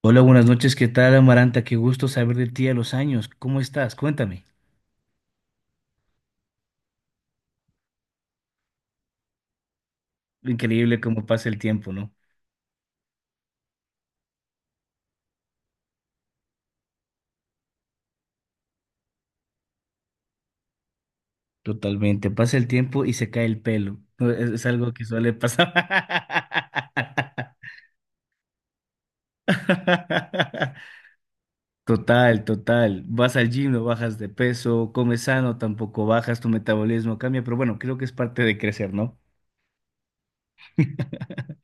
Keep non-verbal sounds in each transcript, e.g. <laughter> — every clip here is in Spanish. Hola, buenas noches. ¿Qué tal, Amaranta? Qué gusto saber de ti a los años. ¿Cómo estás? Cuéntame. Increíble cómo pasa el tiempo, ¿no? Totalmente. Pasa el tiempo y se cae el pelo. No, es algo que suele pasar. <laughs> Total, total. Vas al gym, no bajas de peso, comes sano, tampoco bajas, tu metabolismo cambia, pero bueno, creo que es parte de crecer, ¿no? <laughs>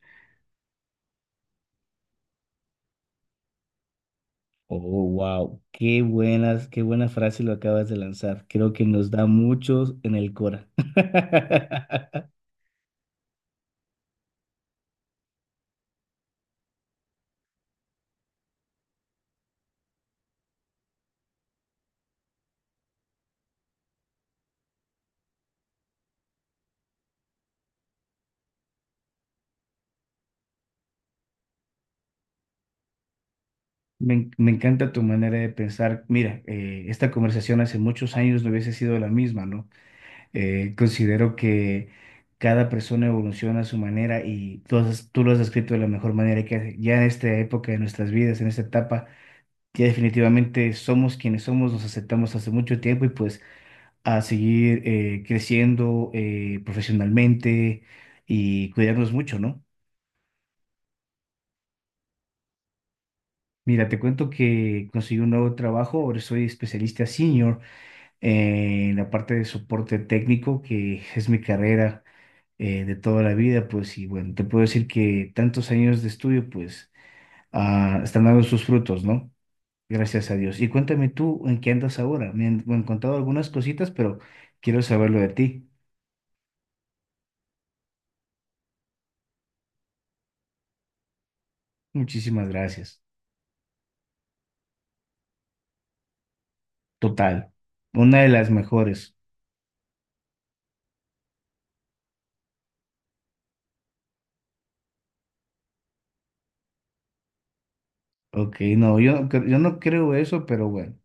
Oh, wow, qué buena frase lo acabas de lanzar. Creo que nos da muchos en el Cora. <laughs> Me encanta tu manera de pensar. Mira, esta conversación hace muchos años no hubiese sido la misma, ¿no? Considero que cada persona evoluciona a su manera y tú lo has descrito de la mejor manera que ya en esta época de nuestras vidas, en esta etapa, ya definitivamente somos quienes somos, nos aceptamos hace mucho tiempo y pues a seguir creciendo profesionalmente y cuidarnos mucho, ¿no? Mira, te cuento que conseguí un nuevo trabajo, ahora soy especialista senior en la parte de soporte técnico, que es mi carrera de toda la vida, pues, y bueno, te puedo decir que tantos años de estudio, pues, están dando sus frutos, ¿no? Gracias a Dios. Y cuéntame tú, ¿en qué andas ahora? Me han contado algunas cositas, pero quiero saberlo de ti. Muchísimas gracias. Total, una de las mejores. Ok, no, yo no creo eso, pero bueno,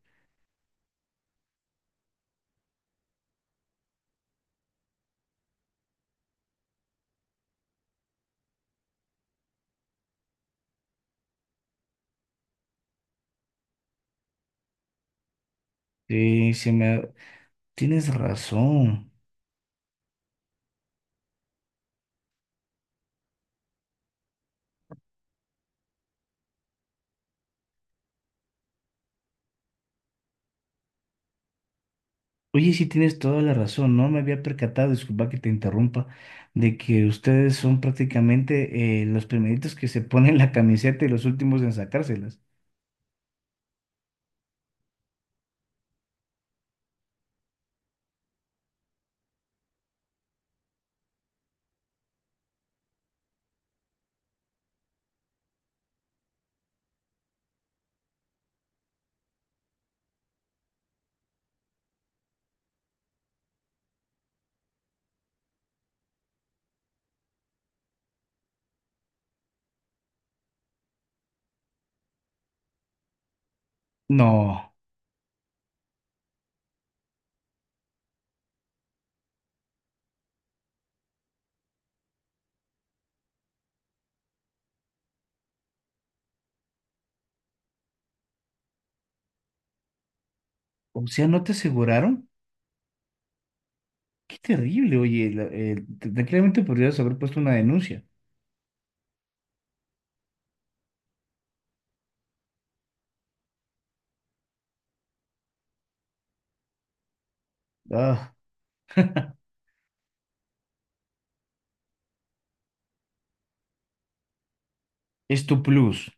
sí, se me. Tienes razón. Oye, sí tienes toda la razón, no me había percatado, disculpa que te interrumpa, de que ustedes son prácticamente los primeritos que se ponen la camiseta y los últimos en sacárselas. No, o sea, ¿no te aseguraron? Qué terrible, oye, tranquilamente podrías haber puesto una denuncia. Ah, es tu plus.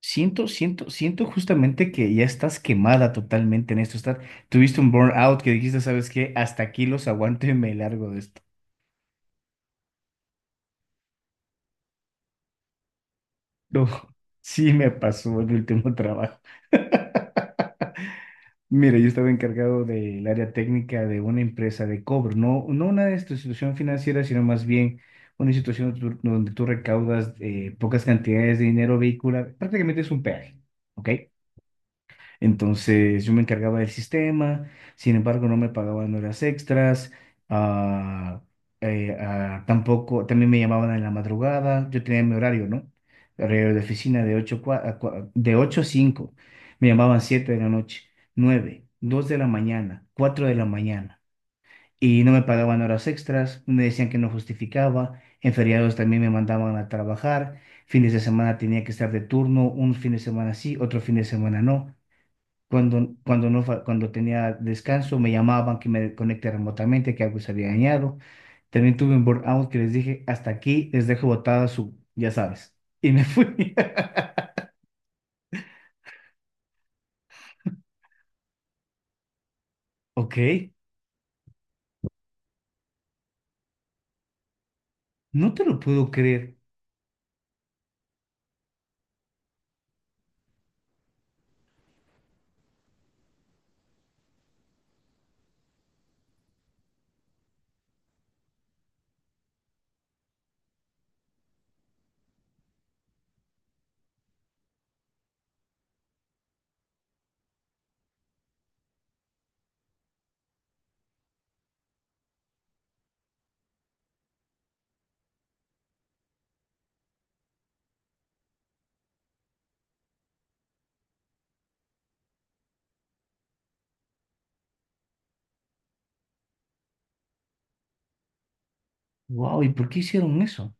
Siento, siento, siento justamente que ya estás quemada totalmente en esto. Estás, tuviste un burnout que dijiste, ¿sabes qué? Hasta aquí los aguanto y me largo de esto. <laughs> No, sí me pasó en mi último trabajo. <laughs> Mira, yo estaba encargado del área técnica de una empresa de cobro, no, no una institución financiera, sino más bien una institución donde tú recaudas pocas cantidades de dinero vehicular. Prácticamente es un peaje, ¿ok? Entonces yo me encargaba del sistema, sin embargo no me pagaban horas extras, ah, tampoco, también me llamaban en la madrugada, yo tenía mi horario, ¿no? Horario de oficina de 8, de 8 a 5, me llamaban 7 de la noche, 9 2 de la mañana, 4 de la mañana, y no me pagaban horas extras, me decían que no justificaba, en feriados también me mandaban a trabajar, fines de semana tenía que estar de turno, un fin de semana sí, otro fin de semana no. No, cuando tenía descanso, me llamaban que me conecte remotamente, que algo se había dañado. También tuve un burnout que les dije, hasta aquí les dejo botada su, ya sabes. Y me fui. <laughs> Ok, no te lo puedo creer. Wow, ¿y por qué hicieron eso?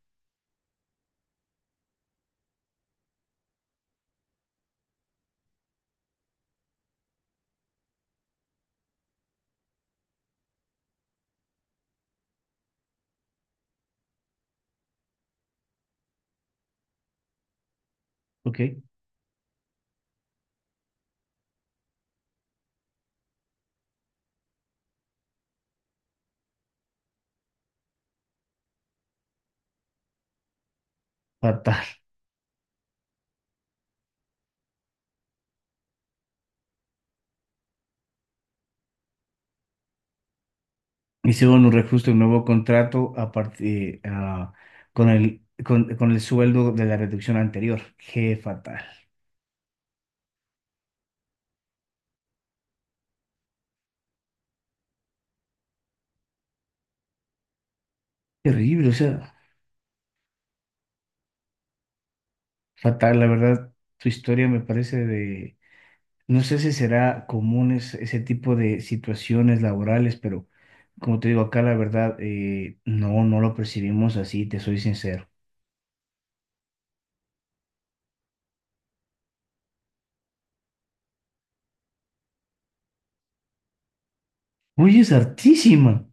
Ok, fatal. Hicieron un reajuste, un nuevo contrato a partir, con el sueldo de la reducción anterior. Qué fatal. Terrible, o sea, fatal, la verdad. Tu historia me parece de. No sé si será común ese tipo de situaciones laborales, pero como te digo acá, la verdad, no, no lo percibimos así, te soy sincero. Oye, es hartísima.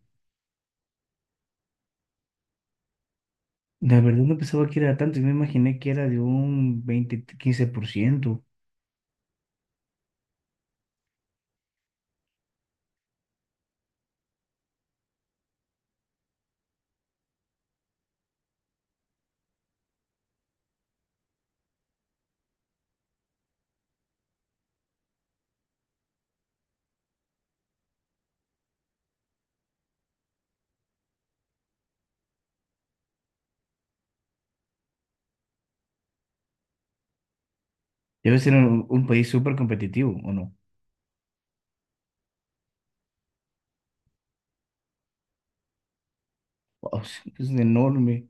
La verdad no pensaba que era tanto, yo me imaginé que era de un 20, 15%. Debe ser un país súper competitivo, ¿o no? Wow, <laughs> es enorme.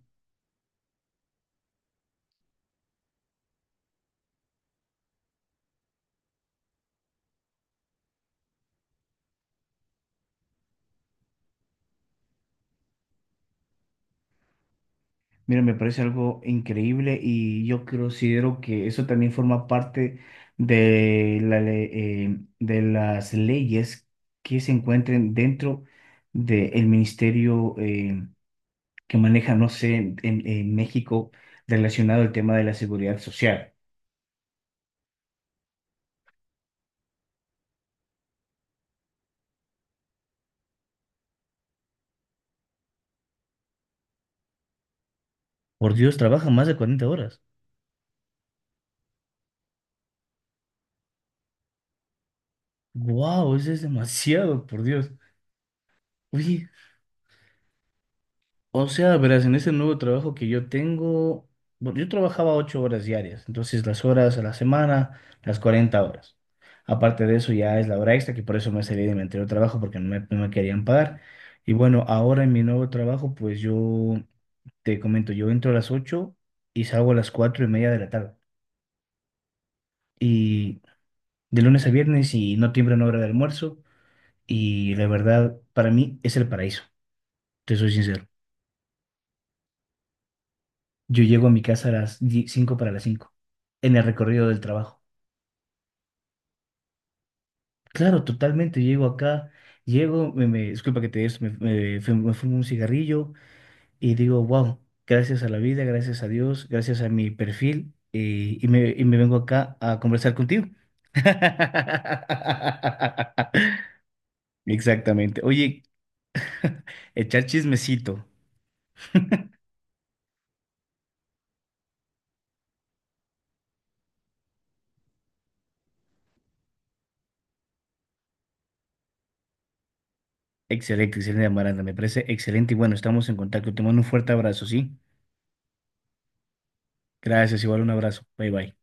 Mira, me parece algo increíble y yo considero que eso también forma parte de de las leyes que se encuentren dentro del ministerio que maneja, no sé, México relacionado al tema de la seguridad social. Por Dios, trabajan más de 40 horas. ¡Wow! Eso es demasiado, por Dios. Oye, o sea, verás, en ese nuevo trabajo que yo tengo, bueno, yo trabajaba 8 horas diarias, entonces las horas a la semana, las 40 horas. Aparte de eso ya es la hora extra, que por eso me salí de mi anterior trabajo, porque no me querían pagar. Y bueno, ahora en mi nuevo trabajo, pues yo te comento, yo entro a las 8 y salgo a las 4:30 de la tarde. Y de lunes a viernes y no tiemblan hora de almuerzo. Y la verdad, para mí es el paraíso, te soy sincero. Yo llego a mi casa a las 5 para las 5 en el recorrido del trabajo. Claro, totalmente, llego acá, llego, disculpa que te des, me fumo un cigarrillo y digo, wow, gracias a la vida, gracias a Dios, gracias a mi perfil, y, y me vengo acá a conversar contigo. <laughs> Exactamente. Oye, echar chismecito. Excelente, excelente, Amaranda, me parece excelente y bueno, estamos en contacto. Te mando un fuerte abrazo, ¿sí? Gracias, igual un abrazo. Bye bye.